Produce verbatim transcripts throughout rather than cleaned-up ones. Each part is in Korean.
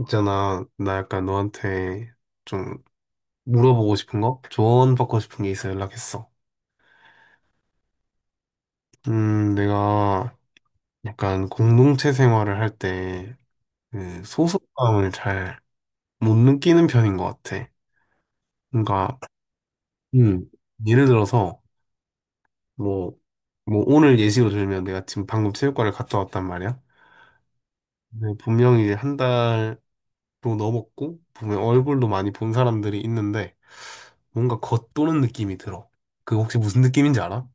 있잖아, 나 약간 너한테 좀 물어보고 싶은 거? 조언받고 싶은 게 있어 연락했어. 음, 내가 약간 공동체 생활을 할 때, 그, 소속감을 잘 못 느끼는 편인 것 같아. 그러니까, 음, 예를 들어서, 뭐, 뭐, 오늘 예시로 들면 내가 지금 방금 체육관을 갔다 왔단 말이야. 근데 분명히 이제 한 달도 넘었고, 보면 얼굴도 많이 본 사람들이 있는데, 뭔가 겉도는 느낌이 들어. 그 혹시 무슨 느낌인지 알아?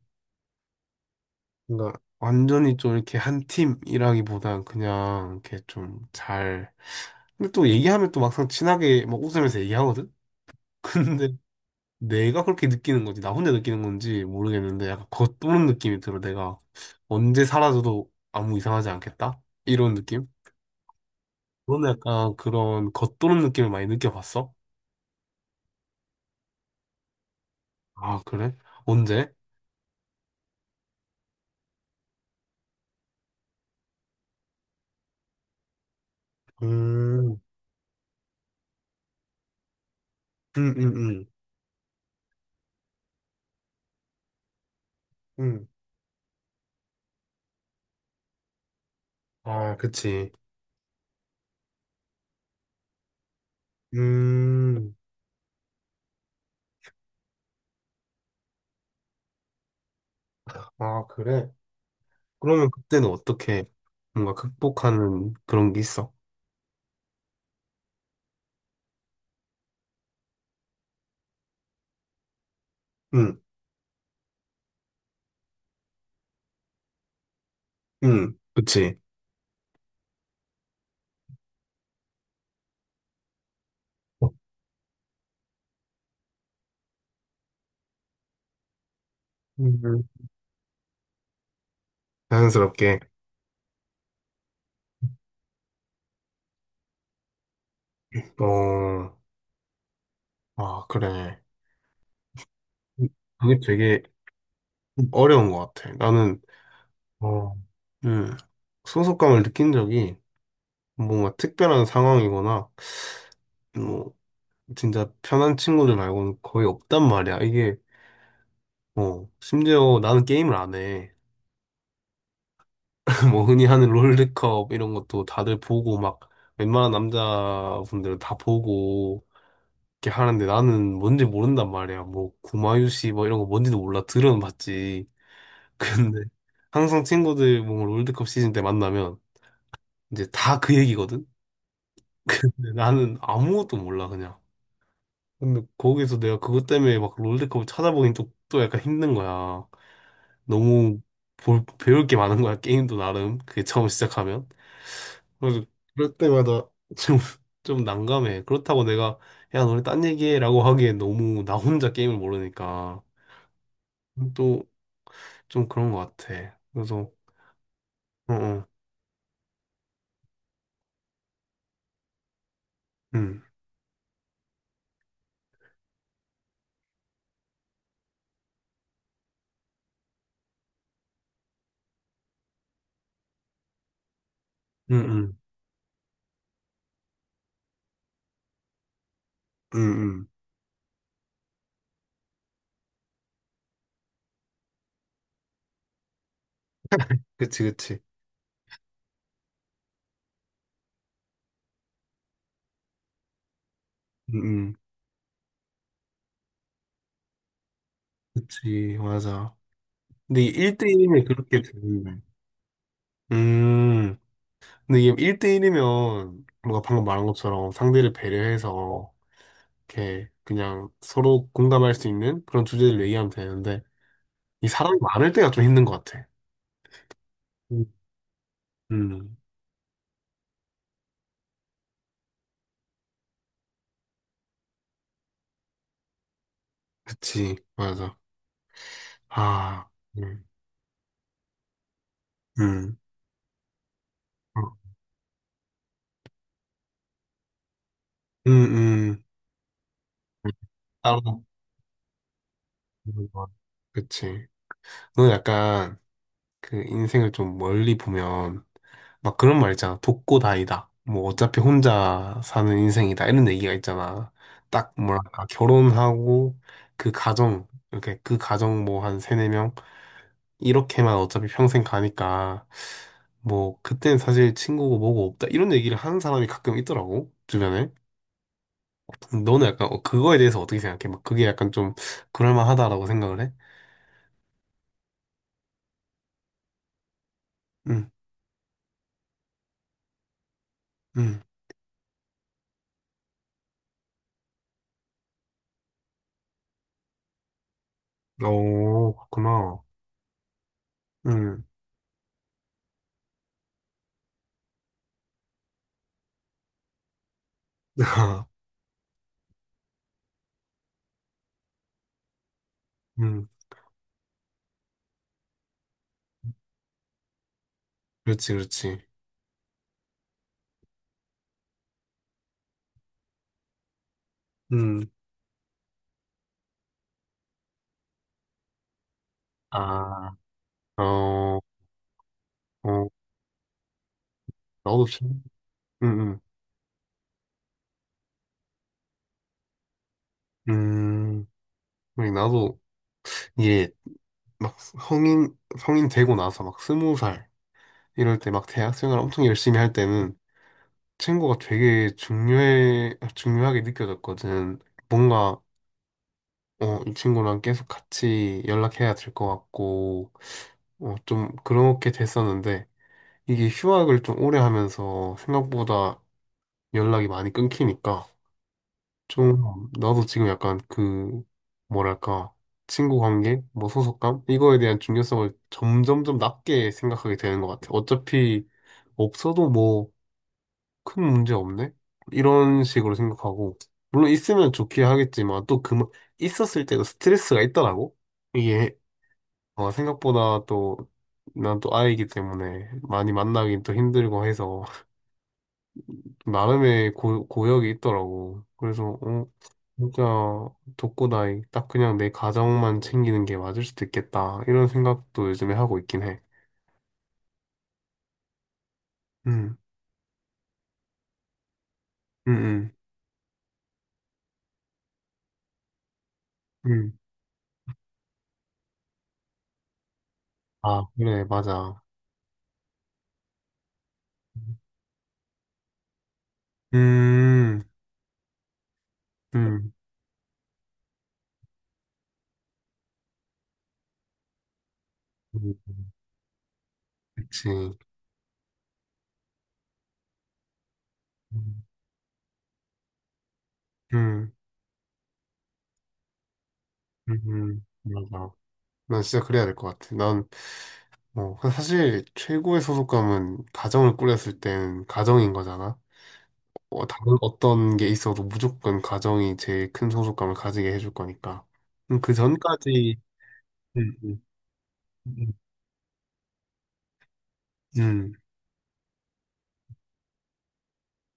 그러니까 완전히 좀 이렇게 한 팀이라기보단 그냥 이렇게 좀 잘. 근데 또 얘기하면 또 막상 친하게 막 웃으면서 얘기하거든? 근데 내가 그렇게 느끼는 건지, 나 혼자 느끼는 건지 모르겠는데 약간 겉도는 느낌이 들어. 내가 언제 사라져도 아무 이상하지 않겠다? 이런 느낌? 너는 약간 그런 겉도는 느낌을 많이 느껴봤어? 아, 그래? 언제? 음, 음, 음, 음. 음. 아, 그치. 음, 아, 그래? 그러면 그때는 어떻게 뭔가 극복하는 그런 게 있어? 응, 응, 그치. 음. 자연스럽게. 어, 아, 그래. 그게 되게 어려운 것 같아. 나는, 어, 음, 소속감을 느낀 적이 뭔가 특별한 상황이거나, 뭐, 진짜 편한 친구들 말고는 거의 없단 말이야. 이게, 어, 심지어 나는 게임을 안 해. 뭐 흔히 하는 롤드컵 이런 것도 다들 보고 막 웬만한 남자분들은 다 보고 이렇게 하는데 나는 뭔지 모른단 말이야. 뭐 구마유시 뭐 이런 거 뭔지도 몰라. 들은 봤지. 근데 항상 친구들 뭐 롤드컵 시즌 때 만나면 이제 다 그 얘기거든. 근데 나는 아무것도 몰라 그냥. 근데 거기서 내가 그것 때문에 막 롤드컵을 찾아보긴 또, 또 약간 힘든 거야. 너무 볼, 배울 게 많은 거야. 게임도 나름. 그게 처음 시작하면. 그래서 그럴 때마다 좀, 좀 난감해. 그렇다고 내가, 야, 너네 딴 얘기해. 라고 하기엔 너무 나 혼자 게임을 모르니까. 또 좀 그런 것 같아. 그래서, 어, 어, 응, 응, 응, 응, 응. 그치, 그치. 응, 응. 그치, 맞아. 근데 일대일이면 그렇게 되는데. 음, 근데 이게 일대일이면 뭔가 방금 말한 것처럼 상대를 배려해서 이렇게 그냥 서로 공감할 수 있는 그런 주제를 얘기하면 되는데 이 사람이 많을 때가 좀 힘든 것 같아. 음, 음, 그치, 맞아. 아, 음, 음, 어, 음, 음, 음, 따로, 보는 거 그치. 너 약간 그 인생을 좀 멀리 보면 막 그런 말 있잖아. 독고다이다. 뭐 어차피 혼자 사는 인생이다. 이런 얘기가 있잖아. 딱 뭐랄까, 결혼하고 그 가정, 이렇게 그 가정 뭐 한 세네 명 이렇게만 어차피 평생 가니까 뭐 그땐 사실 친구고 뭐고 없다 이런 얘기를 하는 사람이 가끔 있더라고 주변에. 음, 너는 약간 어, 그거에 대해서 어떻게 생각해? 막 그게 약간 좀 그럴만하다라고 생각을 해? 응, 응, 오, 그렇구나. 응, 응, 그렇지, 그렇지. 응, 아, 어, 어, 나도 참, 응, 응, 음, 나도 이게 막 성인 성인 되고 나서 막 스무 살 이럴 때 막 대학생활 엄청 열심히 할 때는 친구가 되게 중요해, 중요하게 느껴졌거든. 뭔가, 어, 이 친구랑 계속 같이 연락해야 될 것 같고, 어, 좀 그렇게 됐었는데, 이게 휴학을 좀 오래 하면서 생각보다 연락이 많이 끊기니까, 좀, 나도 지금 약간 그, 뭐랄까, 친구 관계, 뭐 소속감? 이거에 대한 중요성을 점점 좀 낮게 생각하게 되는 것 같아. 어차피 없어도 뭐, 큰 문제 없네? 이런 식으로 생각하고, 물론 있으면 좋긴 하겠지만, 또 그, 있었을 때도 스트레스가 있더라고? 이게, 어, 생각보다 또, 난 또 아이기 때문에 많이 만나긴 또 힘들고 해서, 나름의 고, 고역이 있더라고. 그래서, 어, 진짜 독고다이, 딱 그냥 내 가정만 챙기는 게 맞을 수도 있겠다. 이런 생각도 요즘에 하고 있긴 해. 음, 음, 음, 음. 아, 그래, 맞아. 음, 음. 음. 그치. 음, 음, 음, 맞아. 난 진짜 그래야 될 것 같아. 난, 뭐, 사실 최고의 소속감은 가정을 꾸렸을 땐 가정인 거잖아. 어, 다른 어떤 게 있어도 무조건 가정이 제일 큰 소속감을 가지게 해줄 거니까. 음, 그 전까지, 음, 음, 음, 음, 음,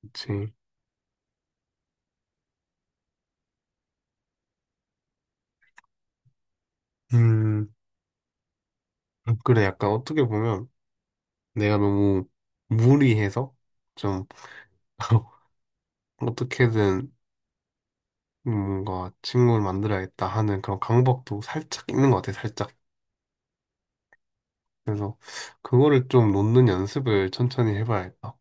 그치. 음, 아, 그래. 약간 어떻게 보면 내가 너무 무리해서 좀 어떻게든 음, 뭔가 친구를 만들어야겠다 하는 그런 강박도 살짝 있는 것 같아, 살짝. 그래서 그거를 좀 놓는 연습을 천천히 해봐야겠다.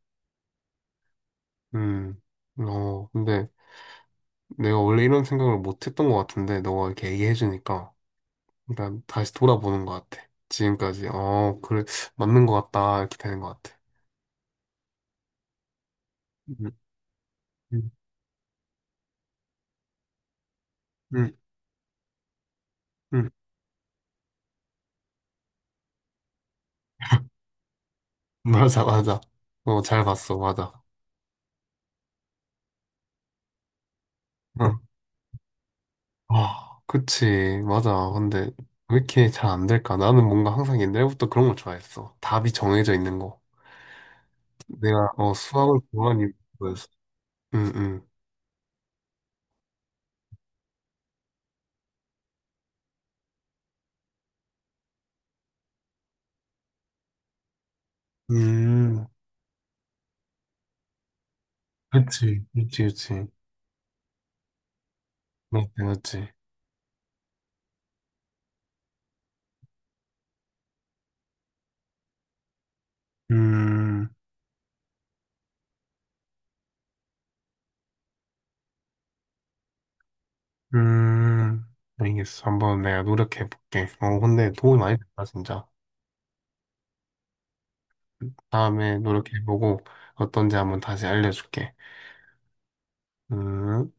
음, 어, 근데 내가 원래 이런 생각을 못 했던 것 같은데, 너가 이렇게 얘기해주니까 일단 다시 돌아보는 것 같아. 지금까지, 어, 그래, 맞는 것 같다, 이렇게 되는 것 같아. 음, 음, 음, 음. 맞아, 맞아. 어, 잘 봤어, 맞아. 어. 아, 그치. 맞아. 근데 왜 이렇게 잘 안 될까? 나는 뭔가 항상 옛날부터 그런 걸 좋아했어. 답이 정해져 있는 거. 내가 어, 수학을 좋아하는 이유가 그거였어. 응, 응. 음, 그치. 그치, 그치. 맞지, 맞지. 음, 음. 알겠어. 한번 내가 노력해볼게. 어, 근데 도움이 많이 됐다, 진짜. 다음에 노력해보고 어떤지 한번 다시 알려줄게. 음.